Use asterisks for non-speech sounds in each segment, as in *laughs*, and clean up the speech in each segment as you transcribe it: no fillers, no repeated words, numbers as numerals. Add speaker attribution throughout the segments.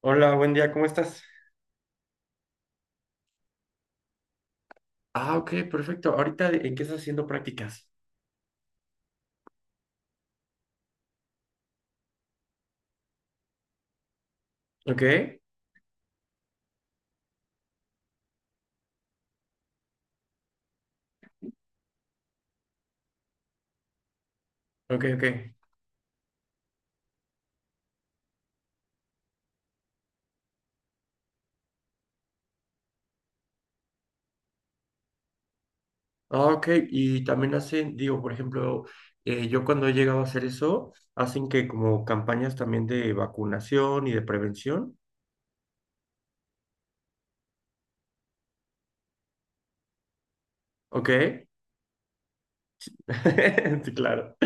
Speaker 1: Hola, buen día, ¿cómo estás? Ah, ok, perfecto. Ahorita, ¿en qué estás haciendo prácticas? Ok, ok, ok. Ah, ok, y también hacen, digo, por ejemplo, yo cuando he llegado a hacer eso, hacen que como campañas también de vacunación y de prevención. Ok, *laughs* sí, claro.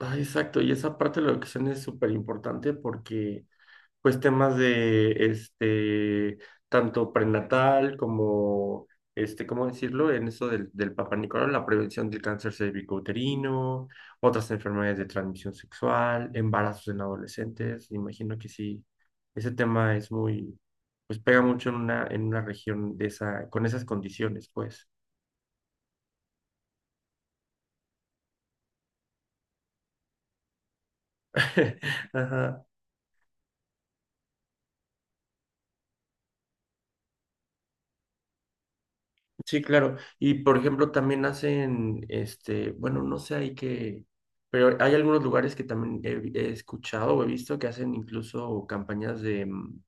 Speaker 1: Ah, exacto, y esa parte de la educación es súper importante porque pues temas de este, tanto prenatal como ¿cómo decirlo? En eso del Papa Nicolau, la prevención del cáncer cervicouterino, otras enfermedades de transmisión sexual, embarazos en adolescentes. Imagino que sí, ese tema es pues pega mucho en una región de esa, con esas condiciones, pues. *laughs* Ajá. Sí, claro. Y por ejemplo, también hacen, este, bueno, no sé, hay pero hay algunos lugares que también he escuchado o he visto que hacen incluso campañas de mm,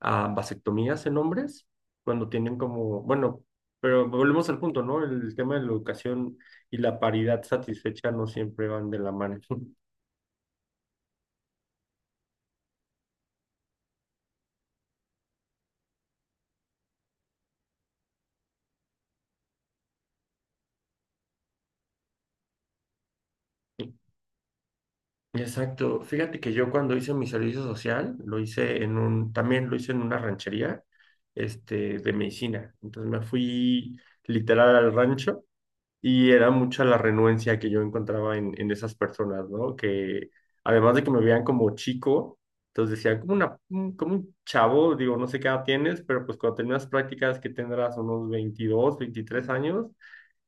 Speaker 1: ah, vasectomías en hombres, cuando tienen como, bueno, pero volvemos al punto, ¿no? El tema de la educación y la paridad satisfecha no siempre van de la mano. *laughs* Exacto. Fíjate que yo cuando hice mi servicio social, lo hice en también lo hice en una ranchería, este, de medicina. Entonces me fui literal al rancho y era mucha la renuencia que yo encontraba en esas personas, ¿no? Que además de que me veían como chico, entonces decían, como, como un chavo, digo, no sé qué edad tienes, pero pues cuando terminas prácticas que tendrás unos 22, 23 años,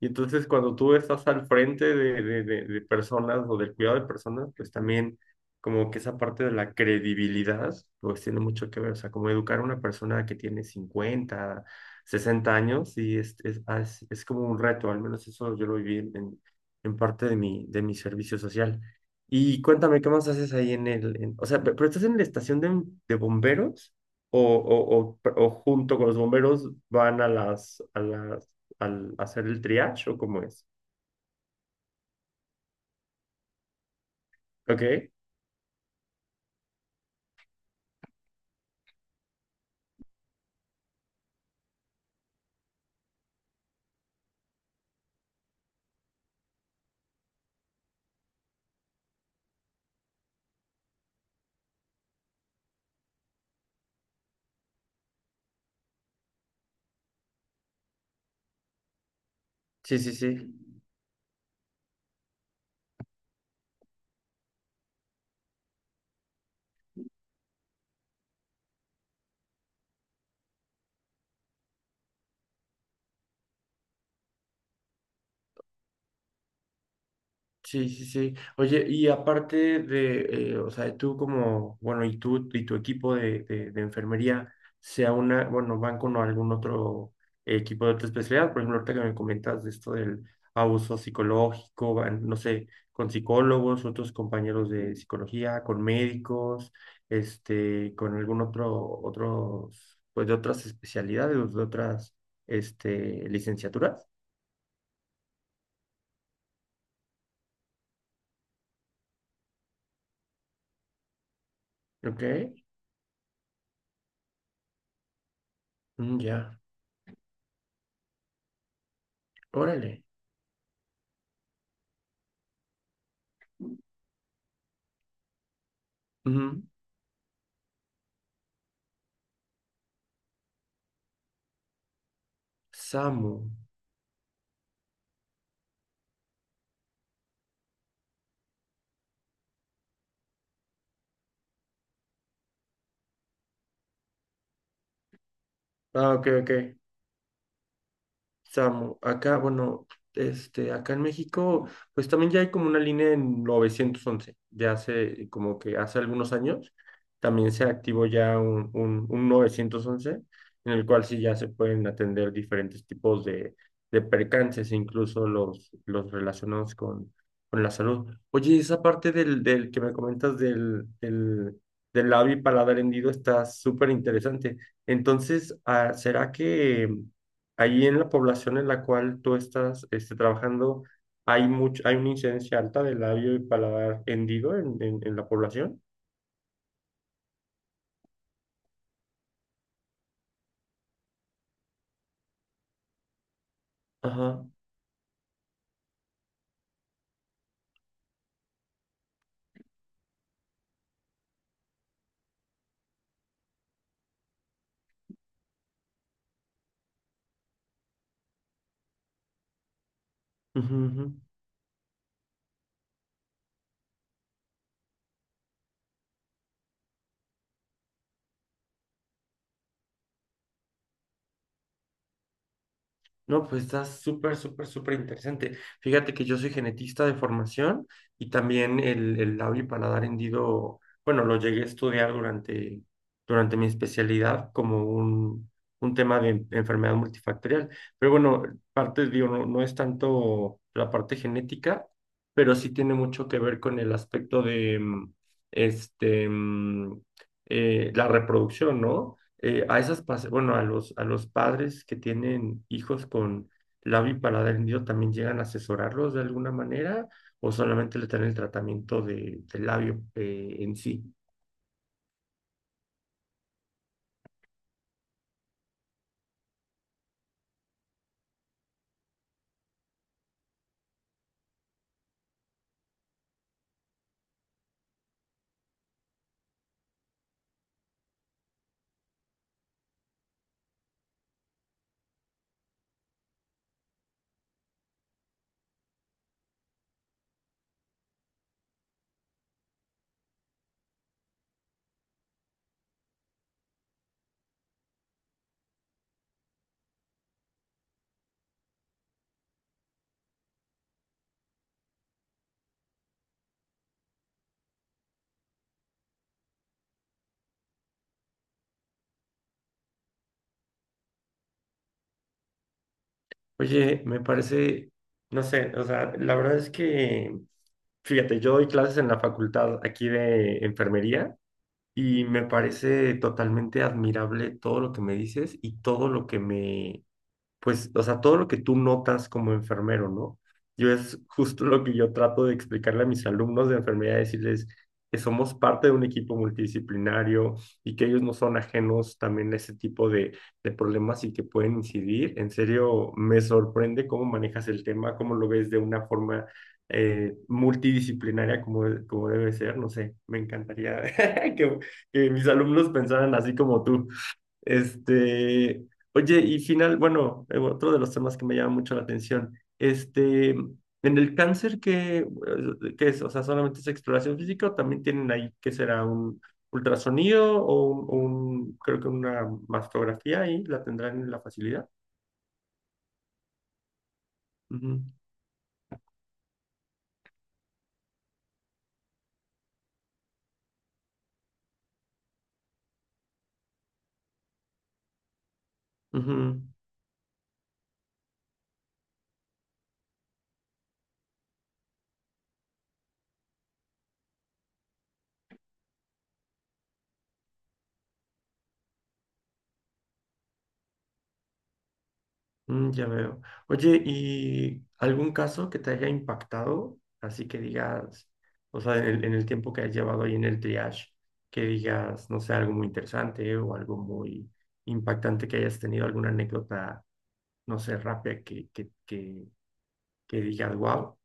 Speaker 1: y entonces cuando tú estás al frente de personas o del cuidado de personas, pues también como que esa parte de la credibilidad, pues tiene mucho que ver, o sea, como educar a una persona que tiene 50 60 años y es como un reto, al menos eso yo lo viví en parte de mi servicio social. Y cuéntame, ¿qué más haces ahí en o sea, pero estás en la estación de bomberos o junto con los bomberos van a a las, al hacer el triage o cómo es? Ok, sí, sí, sí. Sí, sí, sí. Oye, y aparte de, o sea, tú como, bueno, y tú y tu equipo de enfermería, sea una, bueno, van con algún otro equipo de otra especialidad, por ejemplo, ahorita que me comentas de esto del abuso psicológico, van, no sé, con psicólogos, otros compañeros de psicología, con médicos, este, con algún otro, otros, pues de otras especialidades, de otras, este, licenciaturas. Ok. Mm, ya. Órale. Ujú. Samu. Ah, ok, ok. Samu, acá, bueno, este, acá en México, pues también ya hay como una línea en 911, de hace, como que hace algunos años, también se activó ya un 911, en el cual sí ya se pueden atender diferentes tipos de percances, incluso los relacionados con la salud. Oye, esa parte del que me comentas del labio y paladar hendido está súper interesante. Entonces, ah, ¿será que... Ahí en la población en la cual tú estás este, trabajando, ¿hay mucho, hay una incidencia alta de labio y paladar hendido en la población? Ajá. Ujú, ujú. No, pues está súper, súper, súper interesante. Fíjate que yo soy genetista de formación y también el labio y paladar hendido, bueno, lo llegué a estudiar durante mi especialidad como un tema de enfermedad multifactorial. Pero bueno, parte, digo, no, no es tanto la parte genética, pero sí tiene mucho que ver con el aspecto de, este, mm, la reproducción, ¿no? A esas, pas- bueno, a los padres que tienen hijos con labio y paladar hendido, ¿también llegan a asesorarlos de alguna manera o solamente le dan el tratamiento del labio en sí? Oye, me parece, no sé, o sea, la verdad es que, fíjate, yo doy clases en la facultad aquí de enfermería y me parece totalmente admirable todo lo que me dices y todo lo que me pues, o sea, todo lo que tú notas como enfermero, ¿no? Yo es justo lo que yo trato de explicarle a mis alumnos de enfermería, decirles que somos parte de un equipo multidisciplinario y que ellos no son ajenos también a ese tipo de problemas y que pueden incidir. En serio, me sorprende cómo manejas el tema, cómo lo ves de una forma multidisciplinaria como, como debe ser. No sé, me encantaría *laughs* que, que mis alumnos pensaran así como tú. Este, oye, y final, bueno, otro de los temas que me llama mucho la atención, este, en el cáncer, ¿qué, qué es? O sea, ¿solamente es exploración física o también tienen ahí, qué será, un ultrasonido o creo que una mastografía ahí, la tendrán en la facilidad? Ujú, ujú. Mm, ya veo. Oye, ¿y algún caso que te haya impactado? Así que digas, o sea, en el tiempo que has llevado ahí en el triage, que digas, no sé, algo muy interesante o algo muy impactante que hayas tenido, alguna anécdota, no sé, rápida que digas, wow.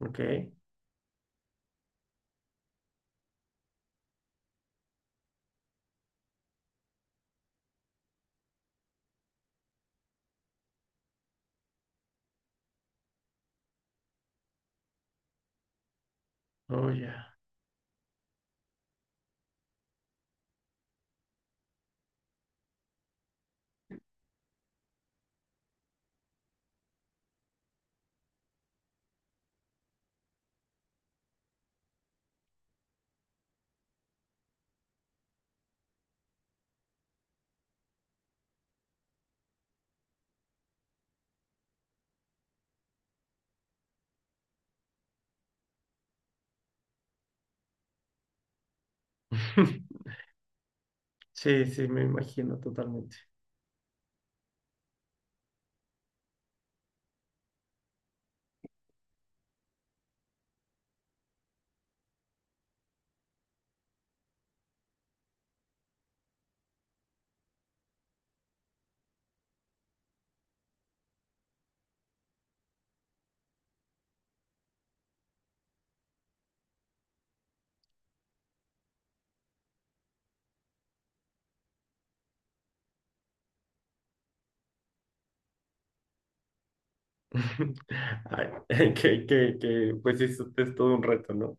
Speaker 1: Ok, oh, ya. *laughs* Sí, sí, me imagino totalmente. *laughs* Ay, *laughs* pues eso es todo un reto, ¿no?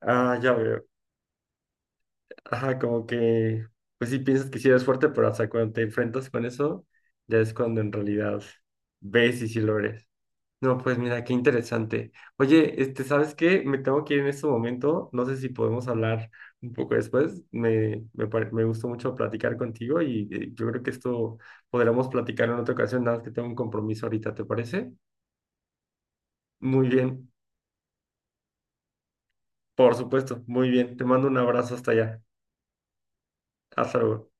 Speaker 1: Ah, ya veo. Ajá, como que, pues sí piensas que sí eres fuerte, pero hasta cuando te enfrentas con eso, ya es cuando en realidad ves y sí lo eres. No, pues mira, qué interesante. Oye, este, ¿sabes qué? Me tengo que ir en este momento. No sé si podemos hablar un poco después. Me gustó mucho platicar contigo y yo creo que esto podremos platicar en otra ocasión, nada más que tengo un compromiso ahorita, ¿te parece? Muy bien, por supuesto, muy bien. Te mando un abrazo hasta allá. Hasta luego.